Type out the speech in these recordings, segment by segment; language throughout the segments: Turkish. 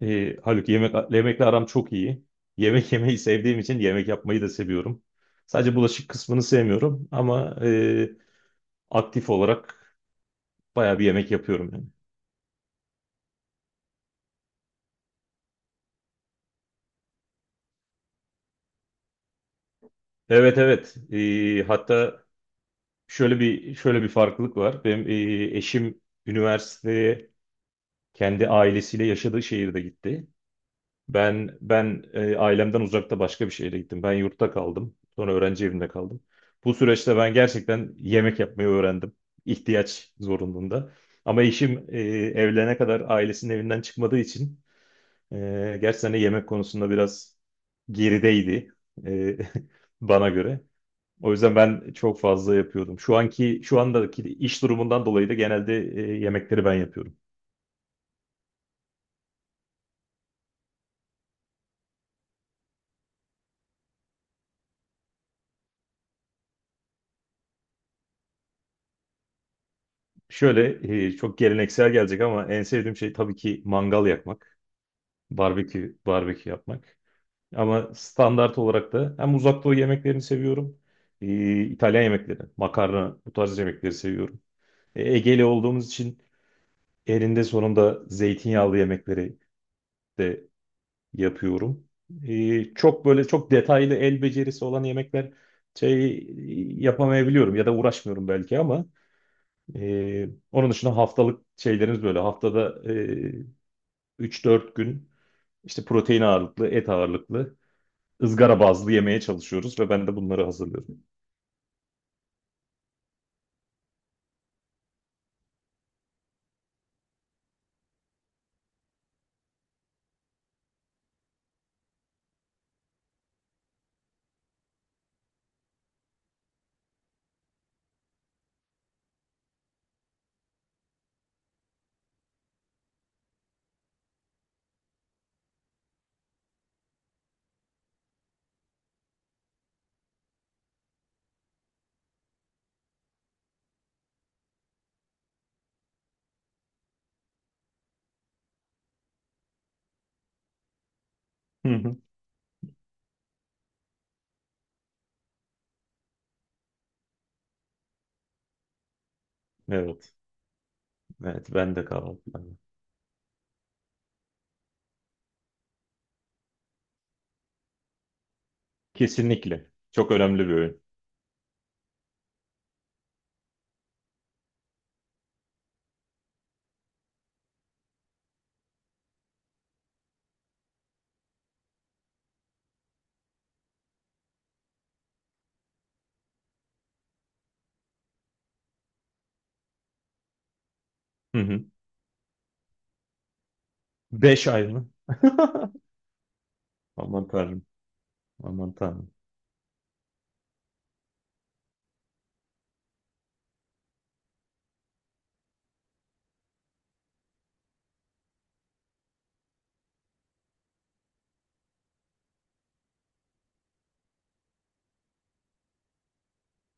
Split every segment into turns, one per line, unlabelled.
Haluk, yemekle aram çok iyi. Yemek yemeyi sevdiğim için yemek yapmayı da seviyorum. Sadece bulaşık kısmını sevmiyorum ama aktif olarak bayağı bir yemek yapıyorum yani. Evet, evet. Hatta şöyle bir farklılık var. Benim eşim üniversiteye kendi ailesiyle yaşadığı şehirde gitti. Ben ailemden uzakta başka bir şehre gittim. Ben yurtta kaldım. Sonra öğrenci evinde kaldım. Bu süreçte ben gerçekten yemek yapmayı öğrendim. İhtiyaç zorunluluğunda. Ama eşim, evlenene kadar ailesinin evinden çıkmadığı için, gerçekten de yemek konusunda biraz gerideydi, e, bana göre. O yüzden ben çok fazla yapıyordum. Şu andaki iş durumundan dolayı da genelde yemekleri ben yapıyorum. Şöyle, çok geleneksel gelecek ama en sevdiğim şey tabii ki mangal yakmak. Barbekü yapmak. Ama standart olarak da hem Uzak Doğu yemeklerini seviyorum. İtalyan yemekleri, makarna, bu tarz yemekleri seviyorum. Egeli olduğumuz için elinde sonunda zeytinyağlı yemekleri de yapıyorum. Çok böyle çok detaylı el becerisi olan yemekler şey yapamayabiliyorum ya da uğraşmıyorum belki ama, onun dışında haftalık şeylerimiz böyle, haftada 3-4 gün işte protein ağırlıklı, et ağırlıklı, ızgara bazlı yemeye çalışıyoruz ve ben de bunları hazırlıyorum. Hı hı. Evet, evet, ben de kahvaltılarda. Kesinlikle. Çok önemli bir öğün. Hı hı. Beş ay mı? Aman tanrım. Aman tanrım.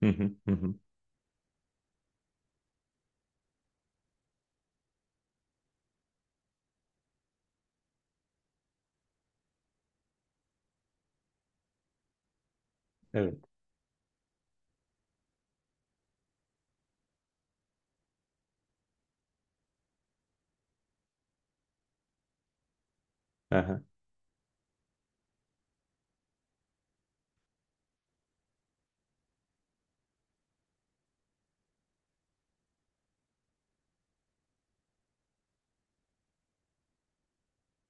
Hı hı, hı hı. Evet. Aha.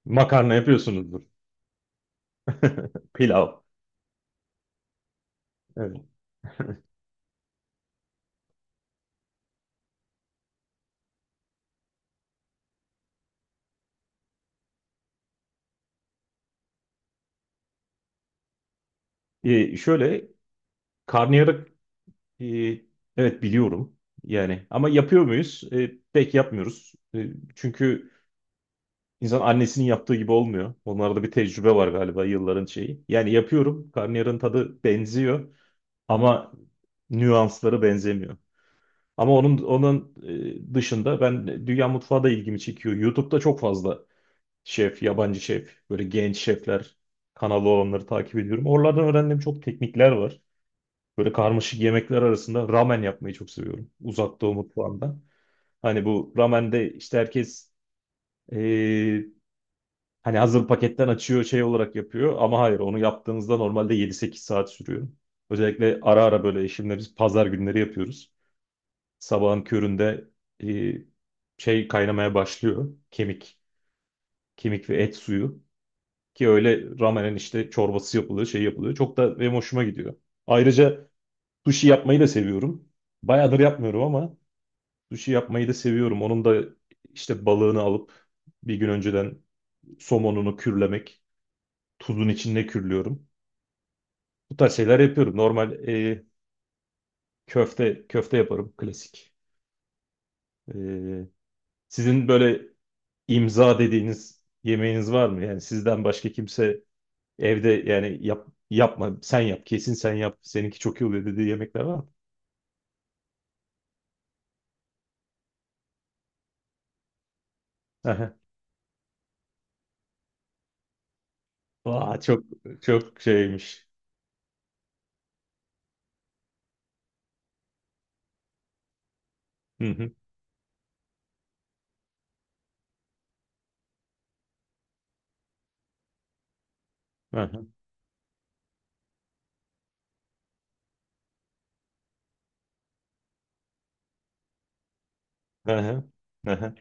Makarna yapıyorsunuzdur. Pilav. Evet. Şöyle karnıyarık, e, evet biliyorum yani, ama yapıyor muyuz? Pek yapmıyoruz. Çünkü İnsan annesinin yaptığı gibi olmuyor. Onlarda bir tecrübe var galiba, yılların şeyi. Yani yapıyorum. Karnıyarın tadı benziyor ama nüansları benzemiyor. Ama onun dışında, ben dünya mutfağı da ilgimi çekiyor. YouTube'da çok fazla şef, yabancı şef, böyle genç şefler kanalı olanları takip ediyorum. Oralardan öğrendiğim çok teknikler var. Böyle karmaşık yemekler arasında ramen yapmayı çok seviyorum. Uzak Doğu mutfağından. Hani bu ramende işte herkes, e, Hani hazır paketten açıyor, şey olarak yapıyor, ama hayır, onu yaptığınızda normalde 7-8 saat sürüyor. Özellikle ara ara böyle eşimle biz pazar günleri yapıyoruz. Sabahın köründe e, kaynamaya başlıyor kemik. Kemik ve et suyu, ki öyle ramenin işte çorbası yapılıyor, yapılıyor. Çok da benim hoşuma gidiyor. Ayrıca sushi yapmayı da seviyorum. Bayağıdır yapmıyorum ama sushi yapmayı da seviyorum. Onun da işte balığını alıp, bir gün önceden somonunu kürlemek. Tuzun içinde kürlüyorum. Bu tarz şeyler yapıyorum. Normal, köfte köfte yaparım klasik. E, Sizin böyle imza dediğiniz yemeğiniz var mı? Yani sizden başka kimse evde, yani yapma sen yap, kesin sen yap, seninki çok iyi oluyor dediği yemekler var mı? Aha. Aa, çok çok şeymiş. Hı hı. Aha. Aha. Aha.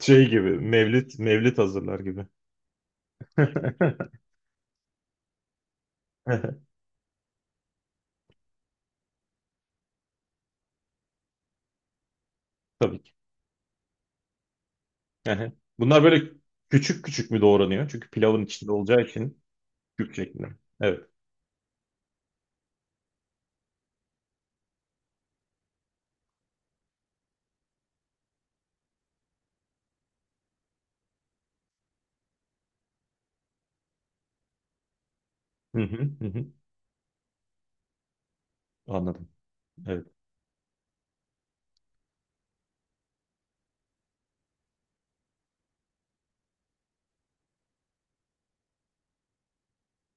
Şey gibi Mevlit mevlit hazırlar gibi. Aha. Tabii ki. Aha. Bunlar böyle küçük küçük mü doğranıyor? Çünkü pilavın içinde olacağı için küp şeklinde. Evet. Hı hı, hı hı. Anladım. Evet.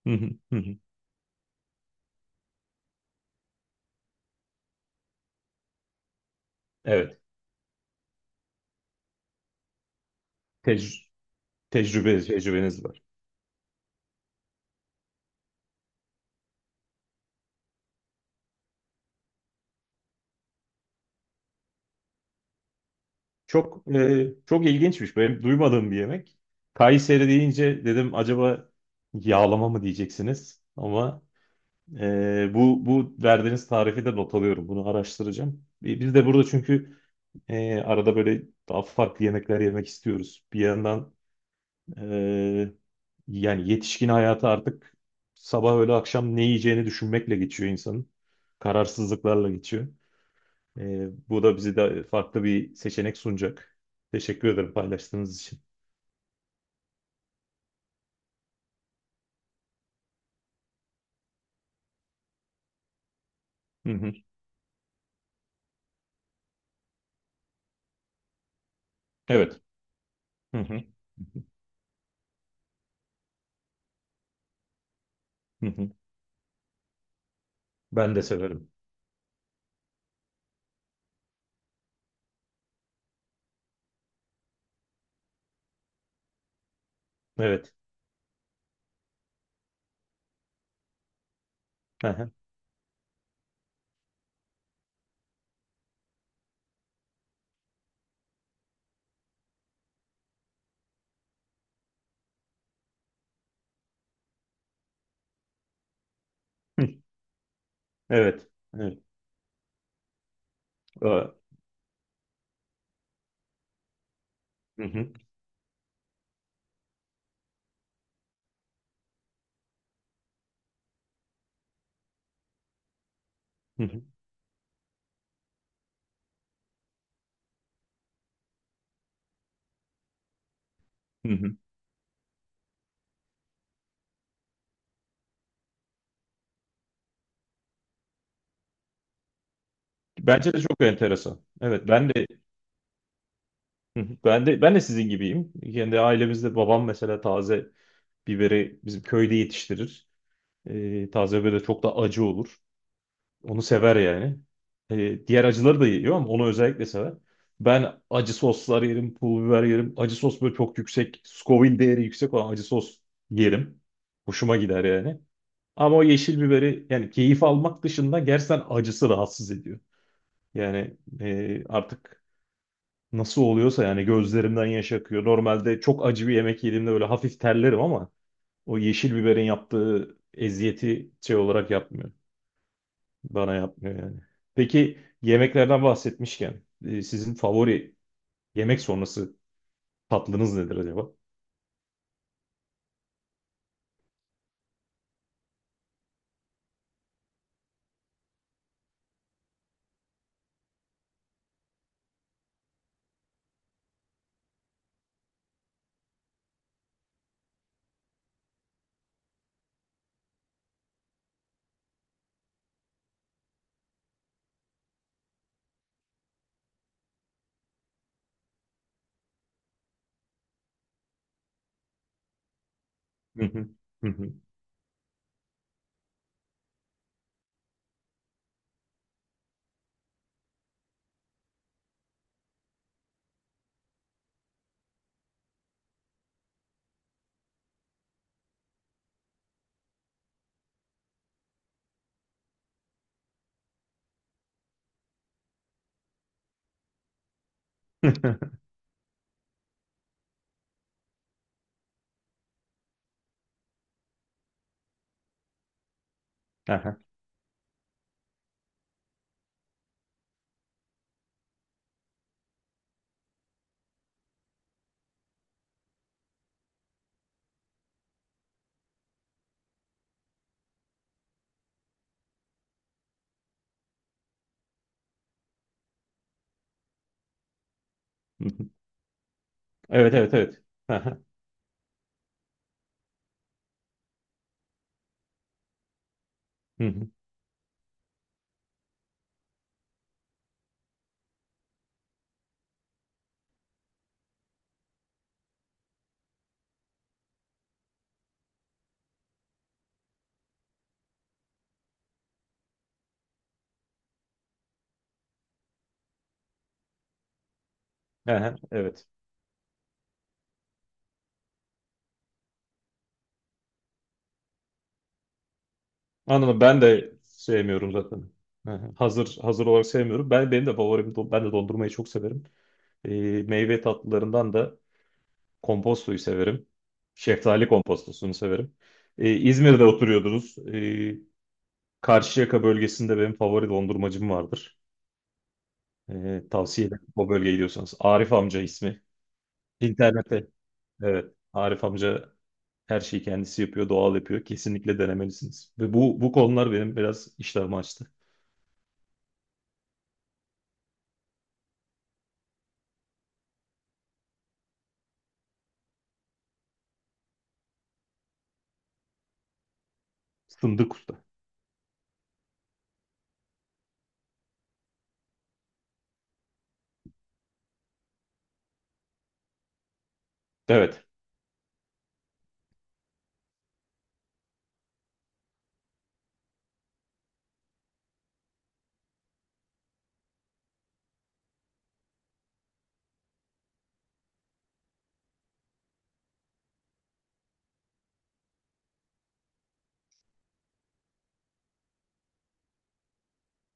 Hı hı, hı hı. Evet. Tec- Tecrübeniz var. Çok ilginçmiş. Benim duymadığım bir yemek. Kayseri deyince dedim, acaba yağlama mı diyeceksiniz? Ama, bu verdiğiniz tarifi de not alıyorum. Bunu araştıracağım. Biz de burada çünkü, arada böyle daha farklı yemekler yemek istiyoruz. Bir yandan, e, Yani yetişkin hayatı artık sabah öğle akşam ne yiyeceğini düşünmekle geçiyor insanın. Kararsızlıklarla geçiyor. Bu da bizi de farklı bir seçenek sunacak. Teşekkür ederim paylaştığınız için. Hı hı. Evet. Hı hı. Hı hı. Ben de severim. Evet. Hı hı. Hı. Evet. Evet. Aa. Hı hı. Hı hı. Hı hı. Bence de çok enteresan. Evet, ben de hı hı. Ben de sizin gibiyim. Kendi ailemizde babam mesela taze biberi bizim köyde yetiştirir. Taze böyle çok da acı olur. Onu sever yani. Diğer acıları da yiyor ama onu özellikle sever. Ben acı soslar yerim, pul biber yerim. Acı sos böyle çok yüksek, Scoville değeri yüksek olan acı sos yerim. Hoşuma gider yani. Ama o yeşil biberi, yani keyif almak dışında gerçekten acısı rahatsız ediyor. Yani, artık nasıl oluyorsa yani, gözlerimden yaş akıyor. Normalde çok acı bir yemek yediğimde böyle hafif terlerim ama o yeşil biberin yaptığı eziyeti şey olarak yapmıyor. Bana yapmıyor yani. Peki yemeklerden bahsetmişken, sizin favori yemek sonrası tatlınız nedir acaba? Hı hı. Hı hı. Aha. Hı hı. Evet, evet, evet. Aha. Hı hı. Aha. Evet. Anladım. Ben de sevmiyorum zaten. Aha. Hazır hazır olarak sevmiyorum. Benim de favorim, ben de dondurmayı çok severim. Meyve tatlılarından da kompostoyu severim. Şeftali kompostosunu severim. İzmir'de oturuyordunuz. Karşıyaka bölgesinde benim favori dondurmacım vardır. Tavsiye ederim o bölgeye gidiyorsanız. Arif Amca ismi. İnternette. Evet. Arif Amca her şeyi kendisi yapıyor, doğal yapıyor. Kesinlikle denemelisiniz. Ve bu konular benim biraz iştahımı açtı. Fındık Usta. Evet.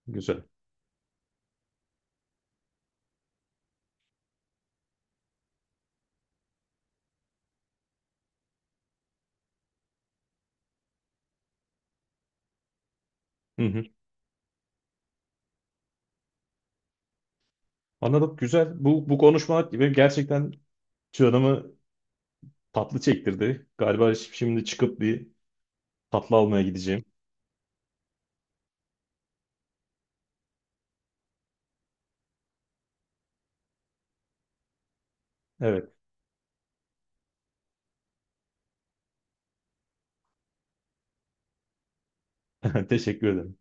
Güzel. Hı hı. Anladım. Güzel. Bu konuşma benim gerçekten canımı tatlı çektirdi. Galiba şimdi çıkıp bir tatlı almaya gideceğim. Evet. Teşekkür ederim.